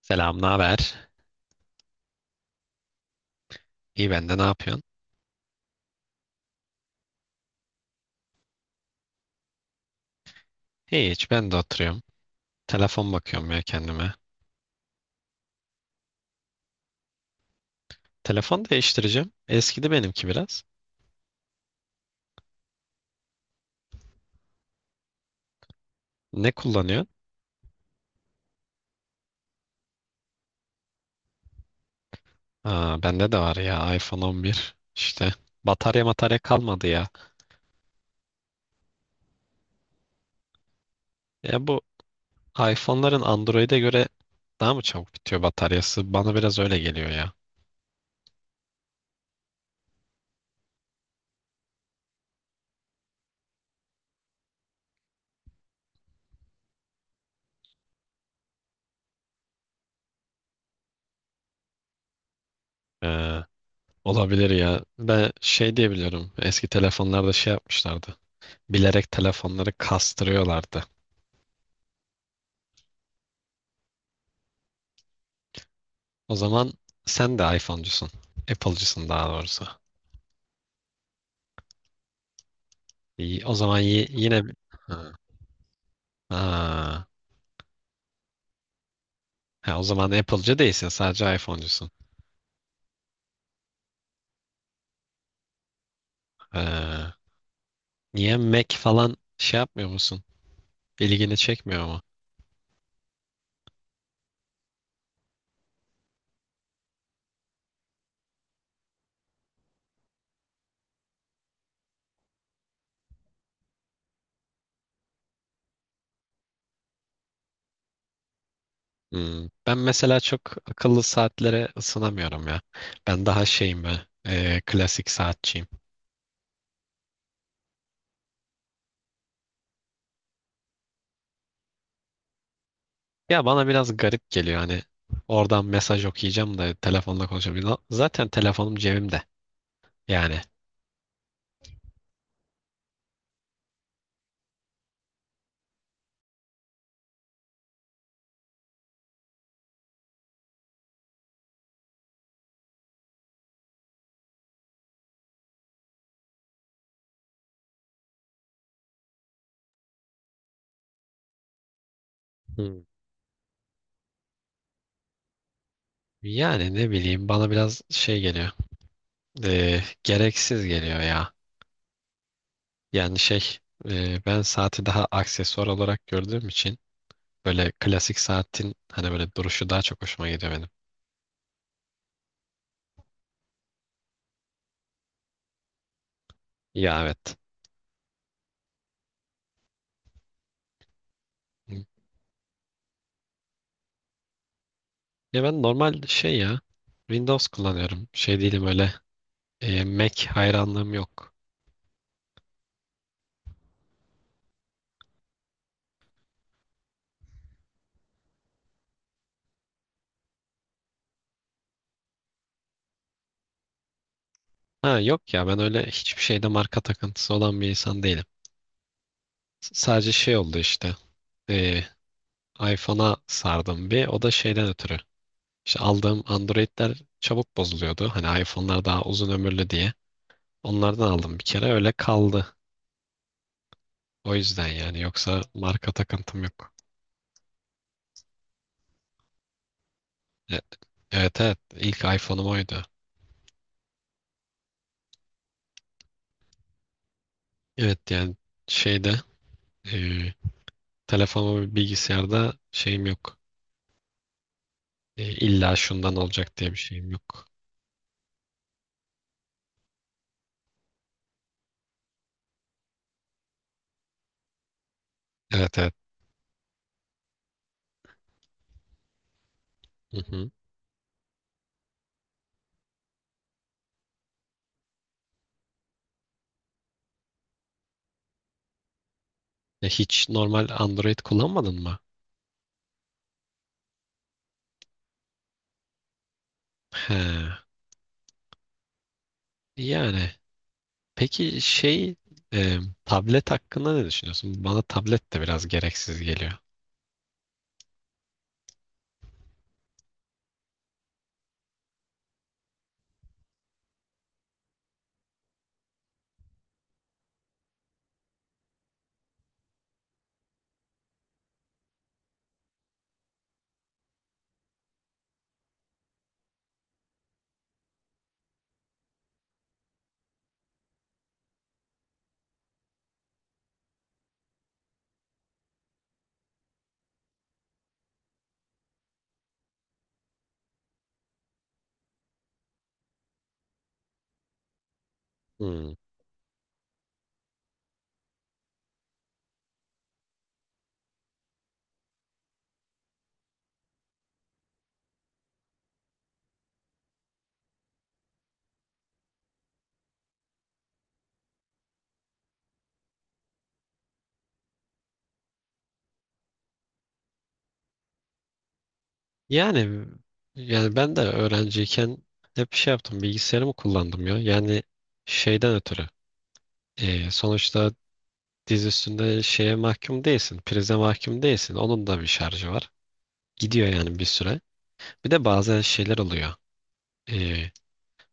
Selam, ne haber? İyi ben de, ne yapıyorsun? Hiç ben de oturuyorum. Telefon bakıyorum ya kendime. Telefon değiştireceğim. Eskidi benimki biraz. Ne kullanıyorsun? Aa, bende de var ya, iPhone 11. İşte batarya matarya kalmadı ya. Ya bu iPhone'ların Android'e göre daha mı çabuk bitiyor bataryası? Bana biraz öyle geliyor ya. Ee, Olabilir ya. Ben şey diyebiliyorum. Eski telefonlarda şey yapmışlardı. Bilerek telefonları kastırıyorlardı. O zaman sen de iPhone'cusun. Apple'cısın daha doğrusu. İyi, o zaman yine... bir- Ha. Ha. Ha, o zaman Apple'cı değilsin. Sadece iPhone'cusun. Ha. Niye Mac falan şey yapmıyor musun? İlgini çekmiyor mu? Hmm. Ben mesela çok akıllı saatlere ısınamıyorum ya. Ben daha şeyim ben. Klasik saatçiyim. Ya bana biraz garip geliyor hani. Oradan mesaj okuyacağım da telefonla konuşabileceğim. Zaten telefonum cebimde. Yani. Hmm. Yani ne bileyim bana biraz şey geliyor. Gereksiz geliyor ya. Yani şey, ben saati daha aksesuar olarak gördüğüm için böyle klasik saatin hani böyle duruşu daha çok hoşuma gidiyor benim. Ya evet. Ya ben normal şey ya, Windows kullanıyorum. Şey değilim öyle, Mac hayranlığım yok. Ha yok ya, ben öyle hiçbir şeyde marka takıntısı olan bir insan değilim. Sadece şey oldu işte. E, iPhone'a sardım bir, o da şeyden ötürü. İşte aldığım Android'ler çabuk bozuluyordu. Hani iPhone'lar daha uzun ömürlü diye. Onlardan aldım bir kere, öyle kaldı. O yüzden yani, yoksa marka takıntım yok. E- Evet, evet, ilk iPhone'um oydu. Evet yani, şeyde, e, telefonum ve bilgisayarda şeyim yok. İlla şundan olacak diye bir şeyim yok. Evet, evet. Hı hı. Hiç normal Android kullanmadın mı? He. Yani. Peki şey, e, tablet hakkında ne düşünüyorsun? Bana tablet de biraz gereksiz geliyor. Hmm. Yani, yani ben de öğrenciyken hep şey yaptım, bilgisayarımı kullandım ya. Yani şeyden ötürü, sonuçta diz üstünde şeye mahkum değilsin. Prize mahkum değilsin. Onun da bir şarjı var. Gidiyor yani bir süre. Bir de bazen şeyler oluyor. E,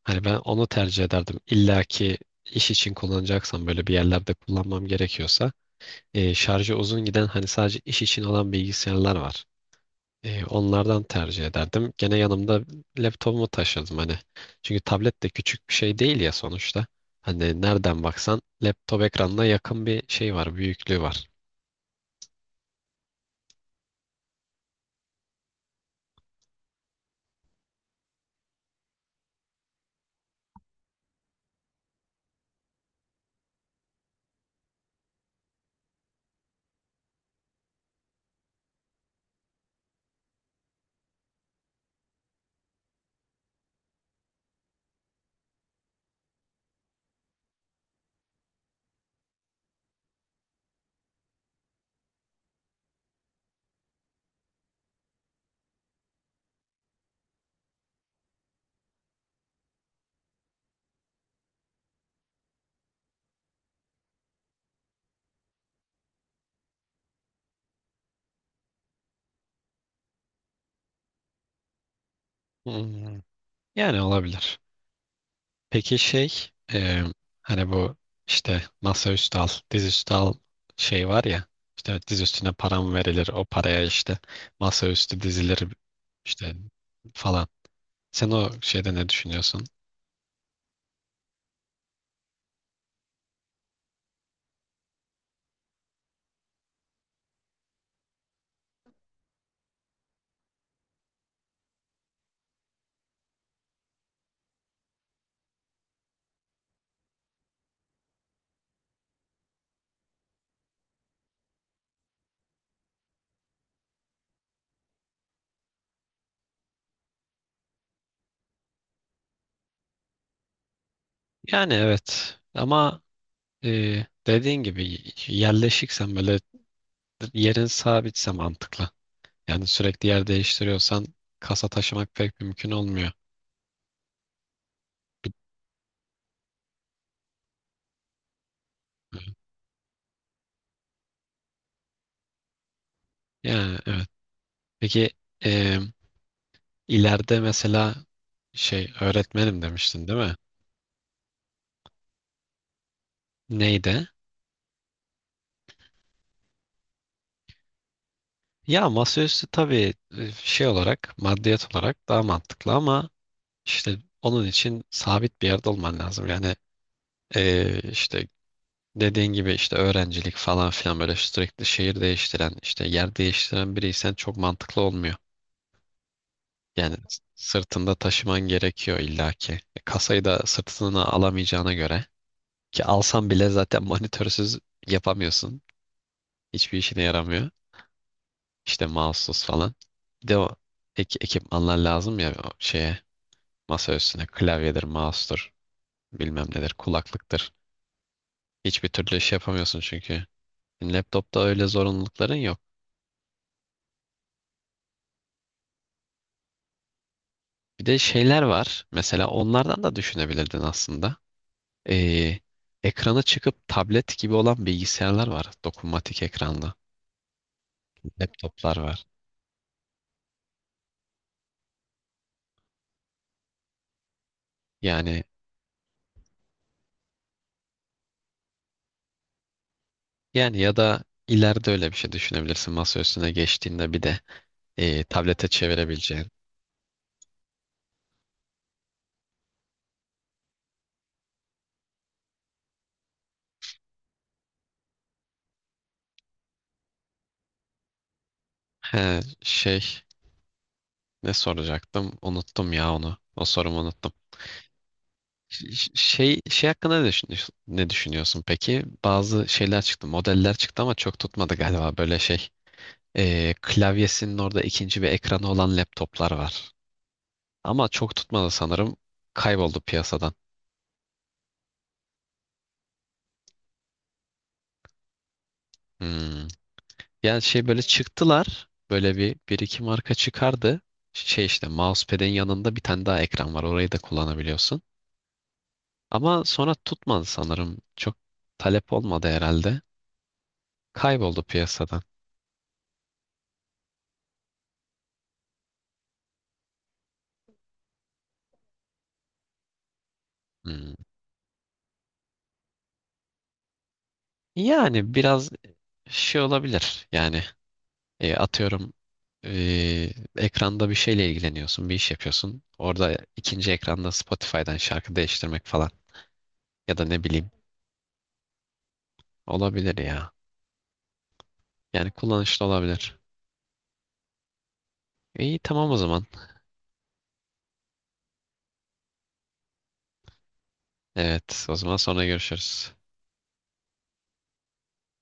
Hani ben onu tercih ederdim. İlla ki iş için kullanacaksam, böyle bir yerlerde kullanmam gerekiyorsa, şarjı uzun giden, hani sadece iş için olan bilgisayarlar var. Onlardan tercih ederdim. Gene yanımda laptopumu taşırdım hani. Çünkü tablet de küçük bir şey değil ya sonuçta. Hani nereden baksan laptop ekranına yakın bir şey var, büyüklüğü var. Hmm, yani olabilir. Peki şey, hani bu işte masaüstü al, dizüstü al şey var ya. İşte diz üstüne param verilir, o paraya işte masaüstü dizilir, işte falan. Sen o şeyde ne düşünüyorsun? Yani evet, ama dediğin gibi, yerleşiksen böyle, yerin sabitse mantıklı. Yani sürekli yer değiştiriyorsan kasa taşımak pek mümkün olmuyor. Yani evet. Peki, e, ileride mesela şey, öğretmenim demiştin değil mi? Neydi? Ya masaüstü tabii, şey olarak, maddiyat olarak daha mantıklı ama işte onun için sabit bir yerde olman lazım. Yani, işte dediğin gibi, işte öğrencilik falan filan, böyle sürekli şehir değiştiren, işte yer değiştiren biriysen çok mantıklı olmuyor. Yani sırtında taşıman gerekiyor illaki. Kasayı da sırtına alamayacağına göre, ki alsan bile zaten monitörsüz yapamıyorsun. Hiçbir işine yaramıyor. İşte mouse'suz falan. Bir de o ekipmanlar lazım ya o şeye, masa üstüne: klavyedir, mouse'tur, bilmem nedir, kulaklıktır. Hiçbir türlü iş yapamıyorsun çünkü. Laptopta öyle zorunlulukların yok. Bir de şeyler var. Mesela onlardan da düşünebilirdin aslında. Ee, Ekranı çıkıp tablet gibi olan bilgisayarlar var. Dokunmatik ekranlı. Laptoplar var. Yani, yani ya da ileride öyle bir şey düşünebilirsin. Masa üstüne geçtiğinde bir de tablete çevirebileceğin. He, şey, ne soracaktım? Unuttum ya onu. O sorumu unuttum. Şey, şey hakkında ne düşünüyorsun, ne düşünüyorsun peki? Bazı şeyler çıktı, modeller çıktı ama çok tutmadı galiba böyle şey. Klavyesinin orada ikinci bir ekranı olan laptoplar var. Ama çok tutmadı sanırım. Kayboldu piyasadan. Hmm. Yani şey, böyle çıktılar. Böyle bir iki marka çıkardı. Şey işte, mousepad'in yanında bir tane daha ekran var. Orayı da kullanabiliyorsun. Ama sonra tutmadı sanırım. Çok talep olmadı herhalde. Kayboldu piyasadan. Hmm. Yani biraz şey olabilir. Yani, atıyorum, e, ekranda bir şeyle ilgileniyorsun, bir iş yapıyorsun. Orada ikinci ekranda Spotify'dan şarkı değiştirmek falan, ya da ne bileyim, olabilir ya. Yani kullanışlı olabilir. İyi, tamam o zaman. Evet, o zaman sonra görüşürüz.